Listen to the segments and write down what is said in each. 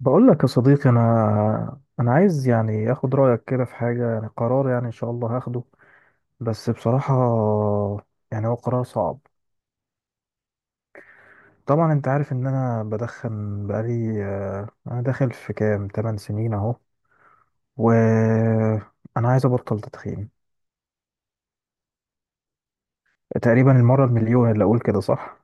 بقول لك يا صديقي، انا عايز يعني اخد رايك كده في حاجه، يعني قرار، يعني ان شاء الله هاخده. بس بصراحه يعني هو قرار صعب. طبعا انت عارف ان انا بدخن بقالي، انا داخل في كام 8 سنين اهو. وانا عايز ابطل تدخين. تقريبا المره المليون اللي اقول كده، صح.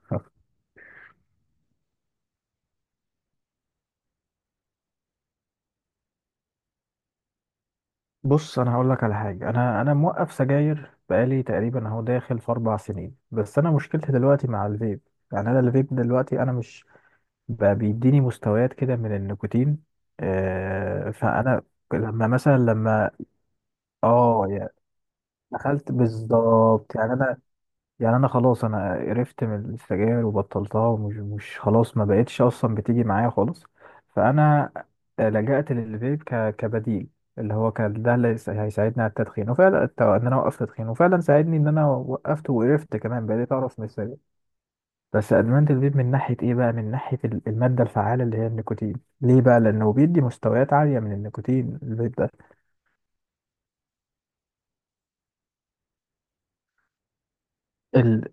بص انا هقول لك على حاجه، انا موقف سجاير بقالي تقريبا اهو داخل في 4 سنين، بس انا مشكلتي دلوقتي مع الفيب. يعني انا الفيب دلوقتي انا مش بقى بيديني مستويات كده من النيكوتين. فانا لما مثلا لما اه يعني دخلت بالظبط. يعني انا، يعني انا خلاص انا قرفت من السجاير وبطلتها، ومش مش خلاص، ما بقتش اصلا بتيجي معايا خالص. فانا لجأت للفيب كبديل، اللي هو كان ده اللي هيساعدني على التدخين. وفعلا ان انا اوقف تدخين، وفعلا ساعدني ان انا وقفت وقرفت كمان، بقيت اعرف من السجاير. بس ادمان الفيب من ناحيه ايه بقى، من ناحيه الماده الفعاله اللي هي النيكوتين. ليه بقى؟ لانه بيدي مستويات عاليه من النيكوتين الفيب ده. ال...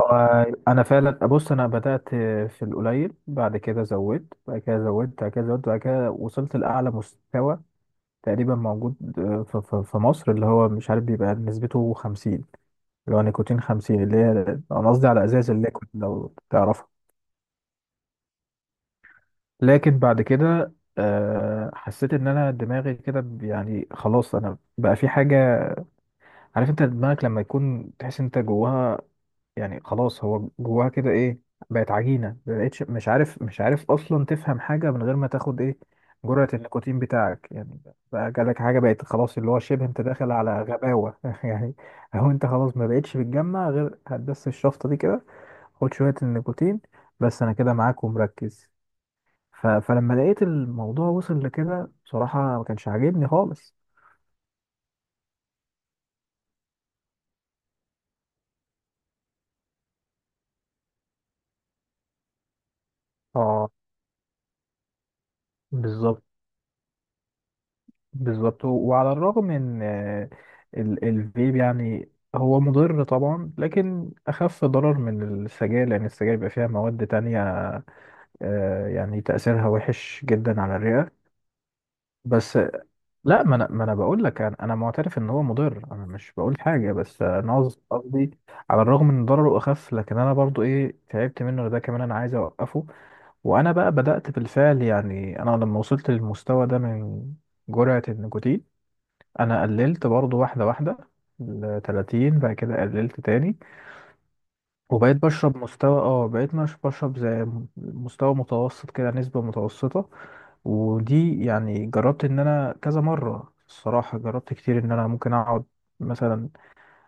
انا فعلا ابص انا بدات في القليل، بعد كده زودت، بعد كده زودت، بعد كده زودت، بعد كده وصلت لاعلى مستوى تقريبا موجود في مصر، اللي هو مش عارف بيبقى نسبته 50. اللي هو نيكوتين 50، اللي هي انا قصدي على ازاز الليكويد لو تعرف. لكن بعد كده حسيت ان انا دماغي كده يعني خلاص انا بقى في حاجه. عارف انت دماغك لما يكون تحس انت جواها؟ يعني خلاص هو جواها كده، ايه، بقت عجينه، مبقتش مش عارف اصلا تفهم حاجه من غير ما تاخد ايه، جرعه النيكوتين بتاعك يعني. بقى جالك حاجه بقت خلاص، اللي هو شبه انت داخل على غباوه يعني. هو انت خلاص ما بقتش بتجمع غير هتدس الشفطه دي كده، خد شويه النيكوتين. بس انا كده معاك ومركز. فلما لقيت الموضوع وصل لكده، بصراحة ما كانش عاجبني خالص. اه، بالظبط. بالظبط، وعلى الرغم ان الفيب يعني هو مضر طبعا، لكن اخف ضرر من السجاير، لان السجاير بيبقى فيها مواد تانية، يعني تأثيرها وحش جدا على الرئة. بس لا، ما انا بقول لك، انا معترف ان هو مضر، انا مش بقول حاجة. بس انا قصدي، على الرغم ان ضرره اخف، لكن انا برضو ايه تعبت منه، ده كمان انا عايز اوقفه. وانا بقى بدأت بالفعل. يعني انا لما وصلت للمستوى ده من جرعة النيكوتين، انا قللت برضو واحدة واحدة، ل 30. بعد كده قللت تاني، وبقيت بشرب مستوى، بقيت مش بشرب زي، مستوى متوسط كده، نسبة متوسطة. ودي يعني جربت ان انا كذا مرة، الصراحة جربت كتير ان انا ممكن اقعد مثلا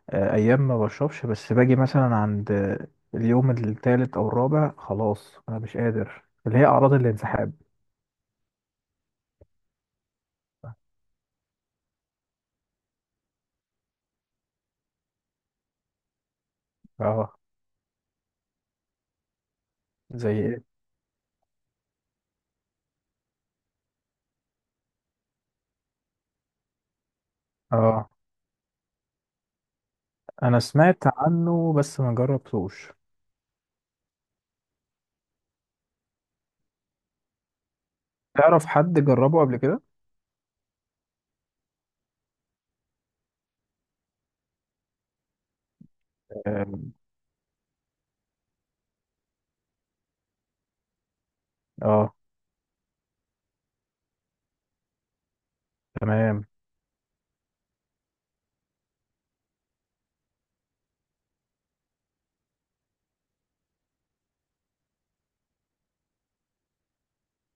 ايام ما بشربش، بس باجي مثلا عند اليوم التالت او الرابع خلاص انا مش قادر، اللي هي اعراض الانسحاب. اه، زي ايه؟ اه، انا سمعت عنه بس ما جربتوش. تعرف حد جربه قبل كده؟ آم، اه، تمام.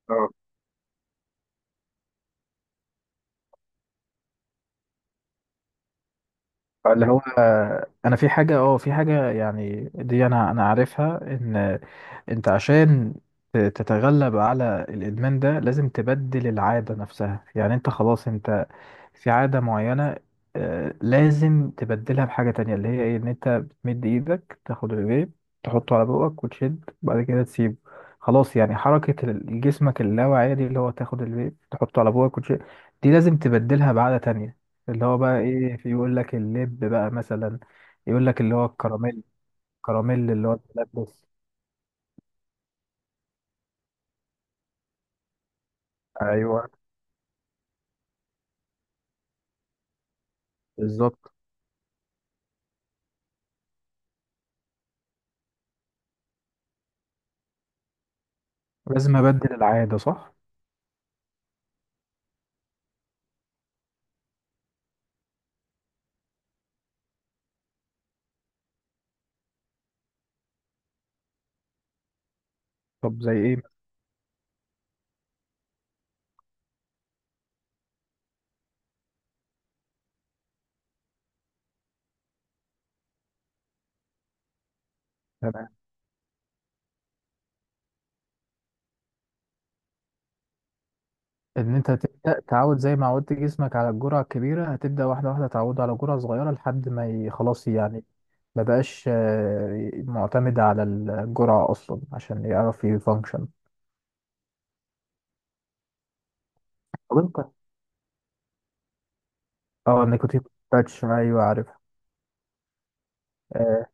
اه، اللي هو انا في حاجه، في حاجه يعني دي انا عارفها، ان انت عشان تتغلب على الادمان ده، لازم تبدل العاده نفسها. يعني انت خلاص انت في عادة معينة، لازم تبدلها بحاجة تانية، اللي هي ايه، ان انت بتمد ايدك تاخد الفيب، تحطه على بقك وتشد، بعد كده تسيبه. خلاص، يعني حركة جسمك اللاواعية دي، اللي هو تاخد الفيب تحطه على بقك وتشد، دي لازم تبدلها بعادة تانية. اللي هو بقى ايه، في يقول لك اللب بقى مثلا، يقول لك اللي هو الكراميل، كراميل اللي هو تلبس. ايوه، بالظبط. لازم ابدل العادة، صح. طب زي ايه، مثلا؟ ان انت تبدا تعود زي ما عودت جسمك على الجرعه الكبيره، هتبدا واحده واحده تعود على جرعه صغيره، لحد ما خلاص يعني ما بقاش معتمد على الجرعه اصلا عشان يعرف يفانكشن. طب انت، اه، النيكوتين باتش، ايوه عارفها. آه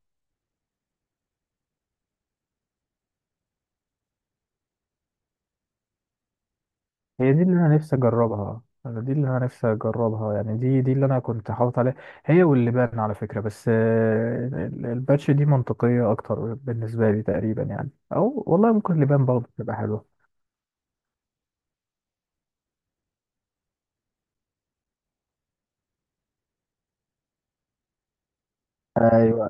هي دي اللي انا نفسي اجربها. انا دي اللي انا نفسي اجربها، يعني دي اللي انا كنت حاطط عليها، هي واللبان على فكره. بس الباتش دي منطقيه اكتر بالنسبه لي تقريبا يعني، او والله ممكن اللبان برضه تبقى حلوه. ايوه،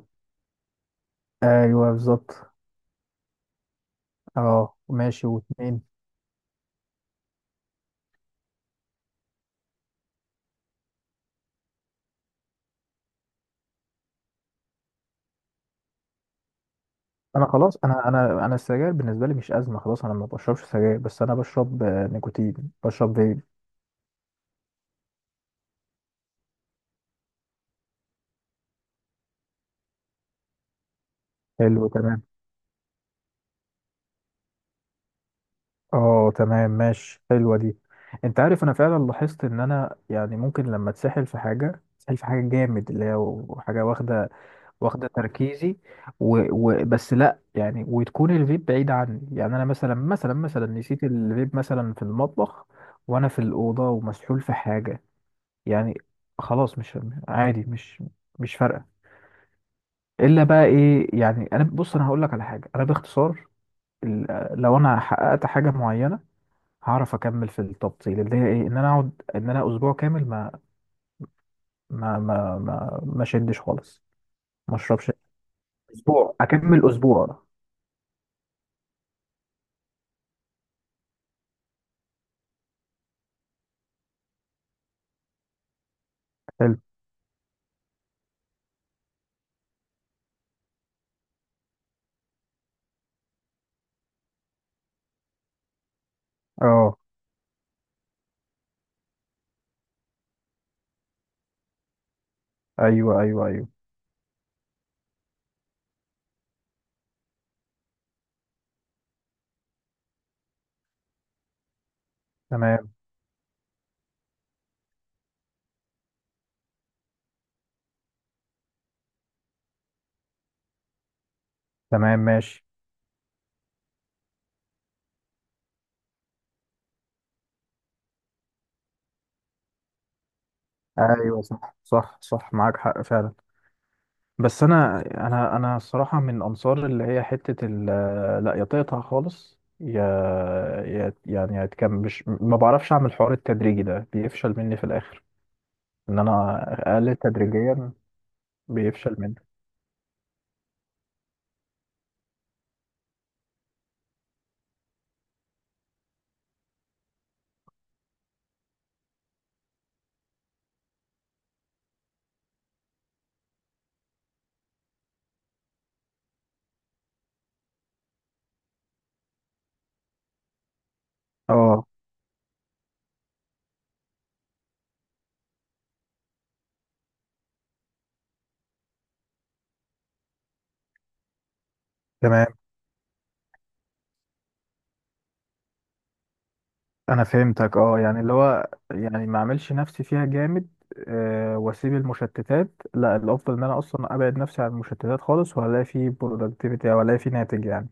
ايوه، بالظبط. اه، ماشي واتنين. انا خلاص، انا السجاير بالنسبه لي مش ازمه خلاص. انا ما بشربش سجاير، بس انا بشرب نيكوتين، بشرب فيب. حلو، تمام. اه، تمام ماشي، حلوه دي. انت عارف انا فعلا لاحظت ان انا يعني ممكن لما اتسحل في حاجه جامد، اللي هي حاجه واخده تركيزي. بس لا، يعني وتكون الفيب بعيد عني. يعني انا مثلا، مثلا نسيت الفيب مثلا في المطبخ، وانا في الاوضه ومسحول في حاجه، يعني خلاص مش، عادي، مش فارقه. الا بقى ايه، يعني انا بص انا هقول لك على حاجه انا باختصار، ال- لو انا حققت حاجه معينه، هعرف اكمل في التبطيل، اللي هي ايه، ان انا اقعد ان انا اسبوع كامل ما شدش خالص، ما اشربش اسبوع، اكمل اسبوع. حلو. اه، ايوه، ايوه، ايوه. تمام. تمام، ماشي. ايوه، صح، صح، صح، معاك حق فعلا. بس انا، انا الصراحه من انصار اللي هي حته لا، يا تقطع خالص، يا يعني يا مش ما بعرفش اعمل حوار. التدريجي ده بيفشل مني في الاخر، ان انا اقلل تدريجيا، بيفشل مني. اه، تمام انا فهمتك. اه يعني اللي هو يعني ما اعملش نفسي فيها جامد، واسيب المشتتات. لا، الافضل ان انا اصلا ابعد نفسي عن المشتتات خالص، وهلاقي فيه برودكتيفيتي او الاقي فيه ناتج يعني.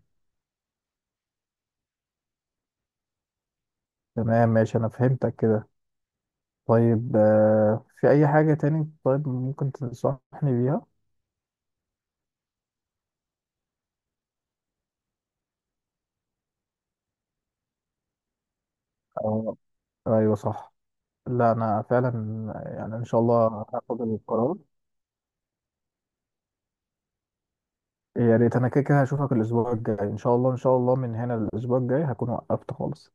تمام ماشي، انا فهمتك كده. طيب في أي حاجة تاني طيب ممكن تنصحني بيها؟ أو، أيوة، صح. لا أنا فعلا، يعني إن شاء الله هاخد القرار. يا ريت، أنا كده كده هشوفك الأسبوع الجاي إن شاء الله. إن شاء الله من هنا للأسبوع الجاي هكون وقفت خالص.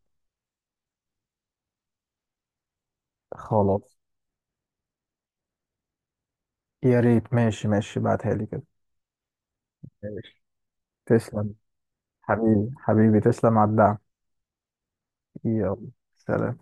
خلاص، يا ريت. ماشي، ماشي، بعتها لي كده. ماشي، تسلم. حبيبي، حبيبي، تسلم على الدعم. يلا، سلام.